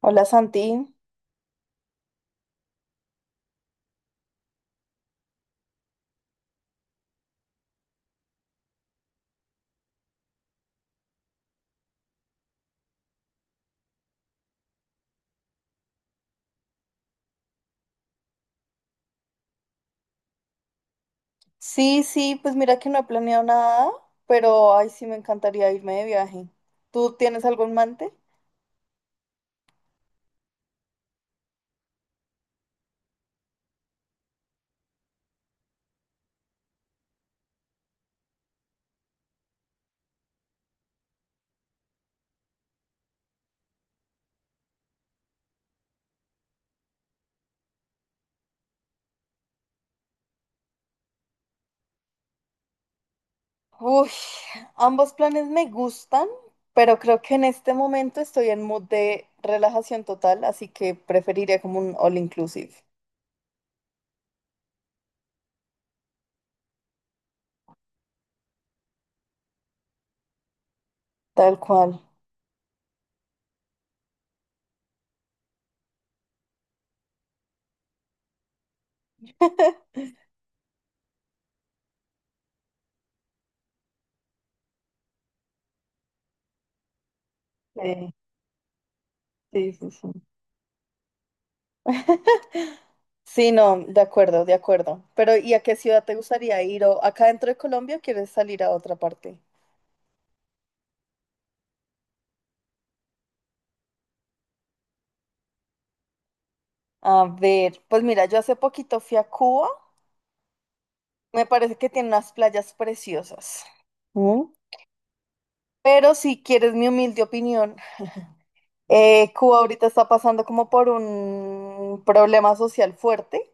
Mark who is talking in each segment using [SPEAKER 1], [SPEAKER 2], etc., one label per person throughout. [SPEAKER 1] Hola Santi. Sí, pues mira que no he planeado nada, pero ay, sí me encantaría irme de viaje. ¿Tú tienes algo en mente? Uy, ambos planes me gustan, pero creo que en este momento estoy en mood de relajación total, así que preferiría como un all inclusive. Tal cual. Sí, sí, sí, sí. Sí, no, de acuerdo, de acuerdo. Pero ¿y a qué ciudad te gustaría ir? ¿O acá dentro de Colombia o quieres salir a otra parte? A ver, pues mira, yo hace poquito fui a Cuba. Me parece que tiene unas playas preciosas. ¿Mm? Pero si quieres mi humilde opinión, Cuba ahorita está pasando como por un problema social fuerte.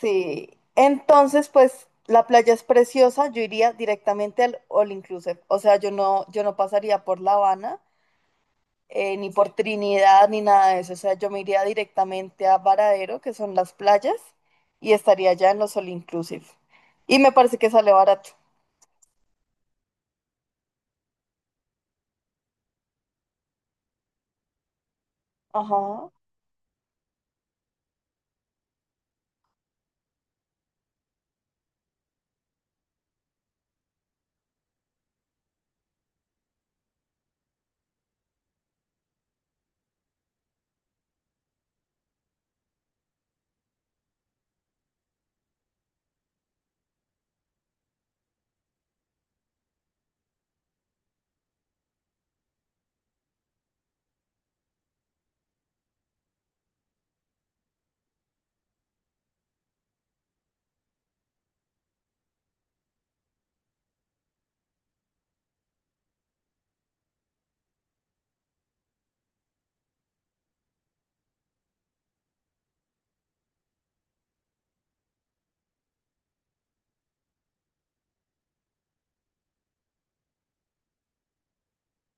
[SPEAKER 1] Sí. Entonces, pues la playa es preciosa, yo iría directamente al All Inclusive. O sea, yo no pasaría por La Habana, ni por Trinidad, ni nada de eso. O sea, yo me iría directamente a Varadero, que son las playas, y estaría ya en los All Inclusive. Y me parece que sale barato. Ajá.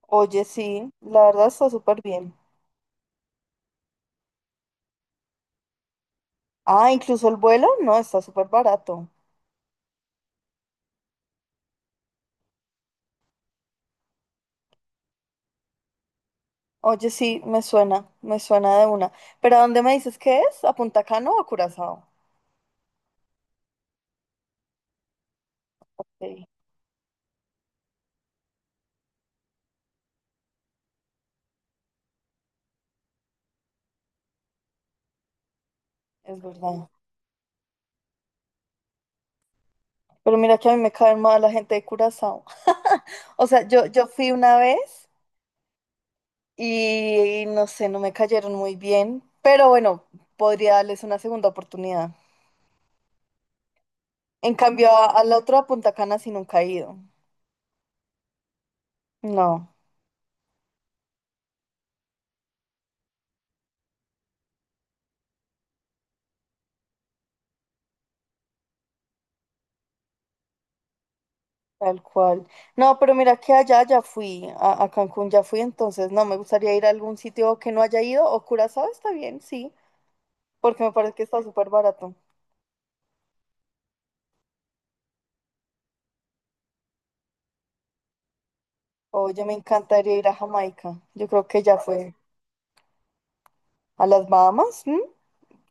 [SPEAKER 1] Oye, sí, la verdad está súper bien. Ah, incluso el vuelo, no, está súper barato. Oye, sí, me suena de una. ¿Pero a dónde me dices que es? ¿A Punta Cana o a Curazao? Sí, es verdad. Pero mira que a mí me cae mal la gente de Curazao. O sea, yo fui una vez y no sé, no me cayeron muy bien, pero bueno, podría darles una segunda oportunidad. En cambio, a la otra Punta Cana sí nunca he ido. No. Tal cual. No, pero mira que allá ya fui, a Cancún ya fui, entonces no, me gustaría ir a algún sitio que no haya ido, o Curazao está bien, sí, porque me parece que está súper barato. Oye, me encantaría ir a Jamaica, yo creo que ya fue. ¿A las Bahamas? ¿M?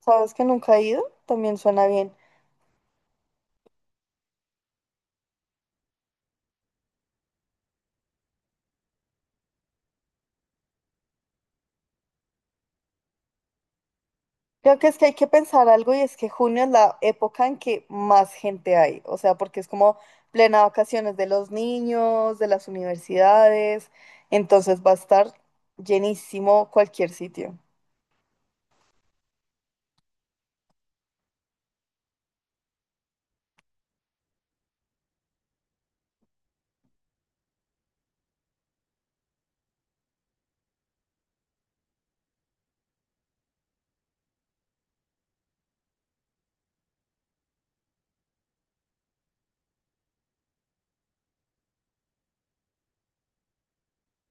[SPEAKER 1] ¿Sabes que nunca he ido? También suena bien. Creo que es que hay que pensar algo y es que junio es la época en que más gente hay, o sea, porque es como plena vacaciones de los niños, de las universidades, entonces va a estar llenísimo cualquier sitio.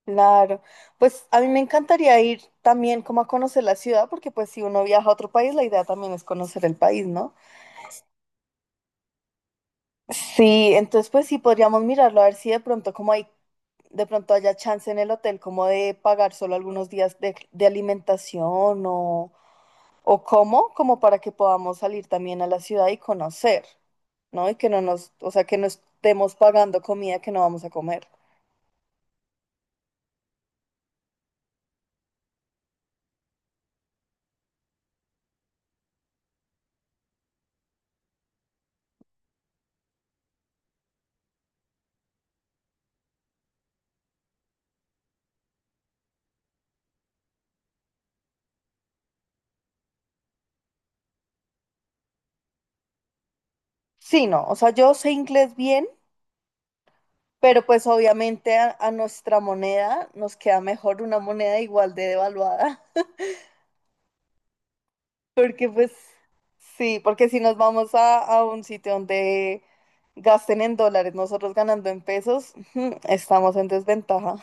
[SPEAKER 1] Claro, pues a mí me encantaría ir también como a conocer la ciudad, porque pues si uno viaja a otro país, la idea también es conocer el país, ¿no? Sí, entonces pues sí podríamos mirarlo a ver si de pronto como hay, de pronto haya chance en el hotel como de pagar solo algunos días de alimentación o cómo, como para que podamos salir también a la ciudad y conocer, ¿no? Y que no nos, o sea, que no estemos pagando comida que no vamos a comer. Sí, no, o sea, yo sé inglés bien, pero pues obviamente a nuestra moneda nos queda mejor una moneda igual de devaluada. Porque pues sí, porque si nos vamos a un sitio donde gasten en dólares, nosotros ganando en pesos, ujú, estamos en desventaja.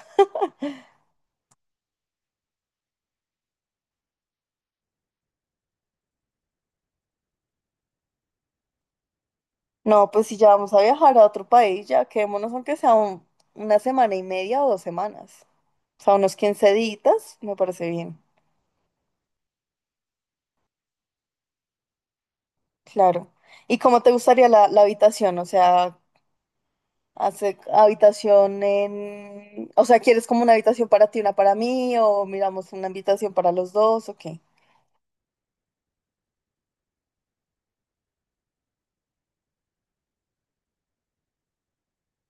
[SPEAKER 1] No, pues si ya vamos a viajar a otro país, ya quedémonos aunque sea un- una semana y media o dos semanas. O sea, unos 15 días, me parece bien. Claro. ¿Y cómo te gustaría la habitación? O sea, hace habitación en... O sea, ¿quieres como una habitación para ti, una para mí? ¿O miramos una habitación para los dos? ¿O qué?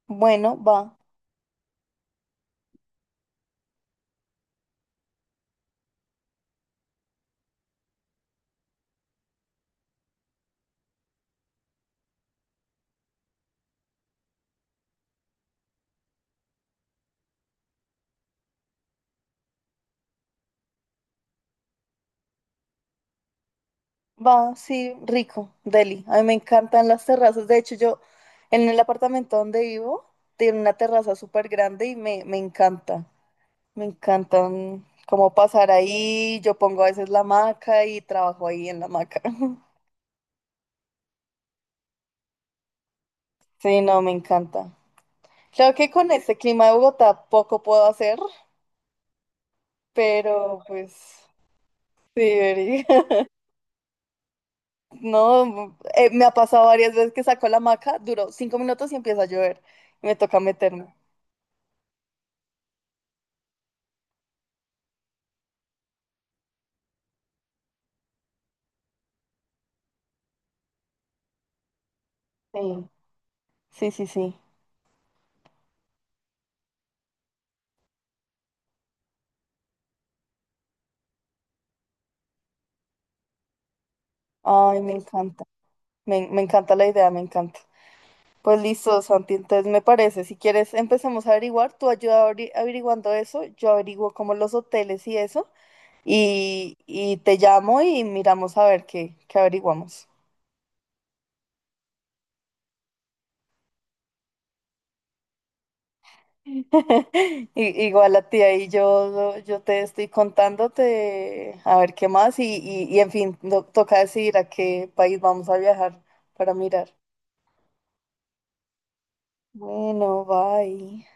[SPEAKER 1] Bueno, va. Va, sí, rico, Delhi. A mí me encantan las terrazas. De hecho, yo en el apartamento donde vivo tiene una terraza súper grande y me encanta. Me encantan cómo pasar ahí. Yo pongo a veces la hamaca y trabajo ahí en la hamaca. Sí, no, me encanta. Claro que con este clima de Bogotá poco puedo hacer, pero pues sí, Eri. No, me ha pasado varias veces que saco la hamaca, duró 5 minutos y empieza a llover y me toca meterme. Sí, sí, sí, sí. Ay, me encanta, me encanta la idea, me encanta. Pues listo, Santi, entonces me parece, si quieres empecemos a averiguar, tú ayuda averiguando eso, yo averiguo como los hoteles y eso, y te llamo y miramos a ver qué averiguamos. Igual a ti, ahí yo te estoy contándote a ver qué más y en fin, toca decidir a qué país vamos a viajar para mirar. Bueno, bye.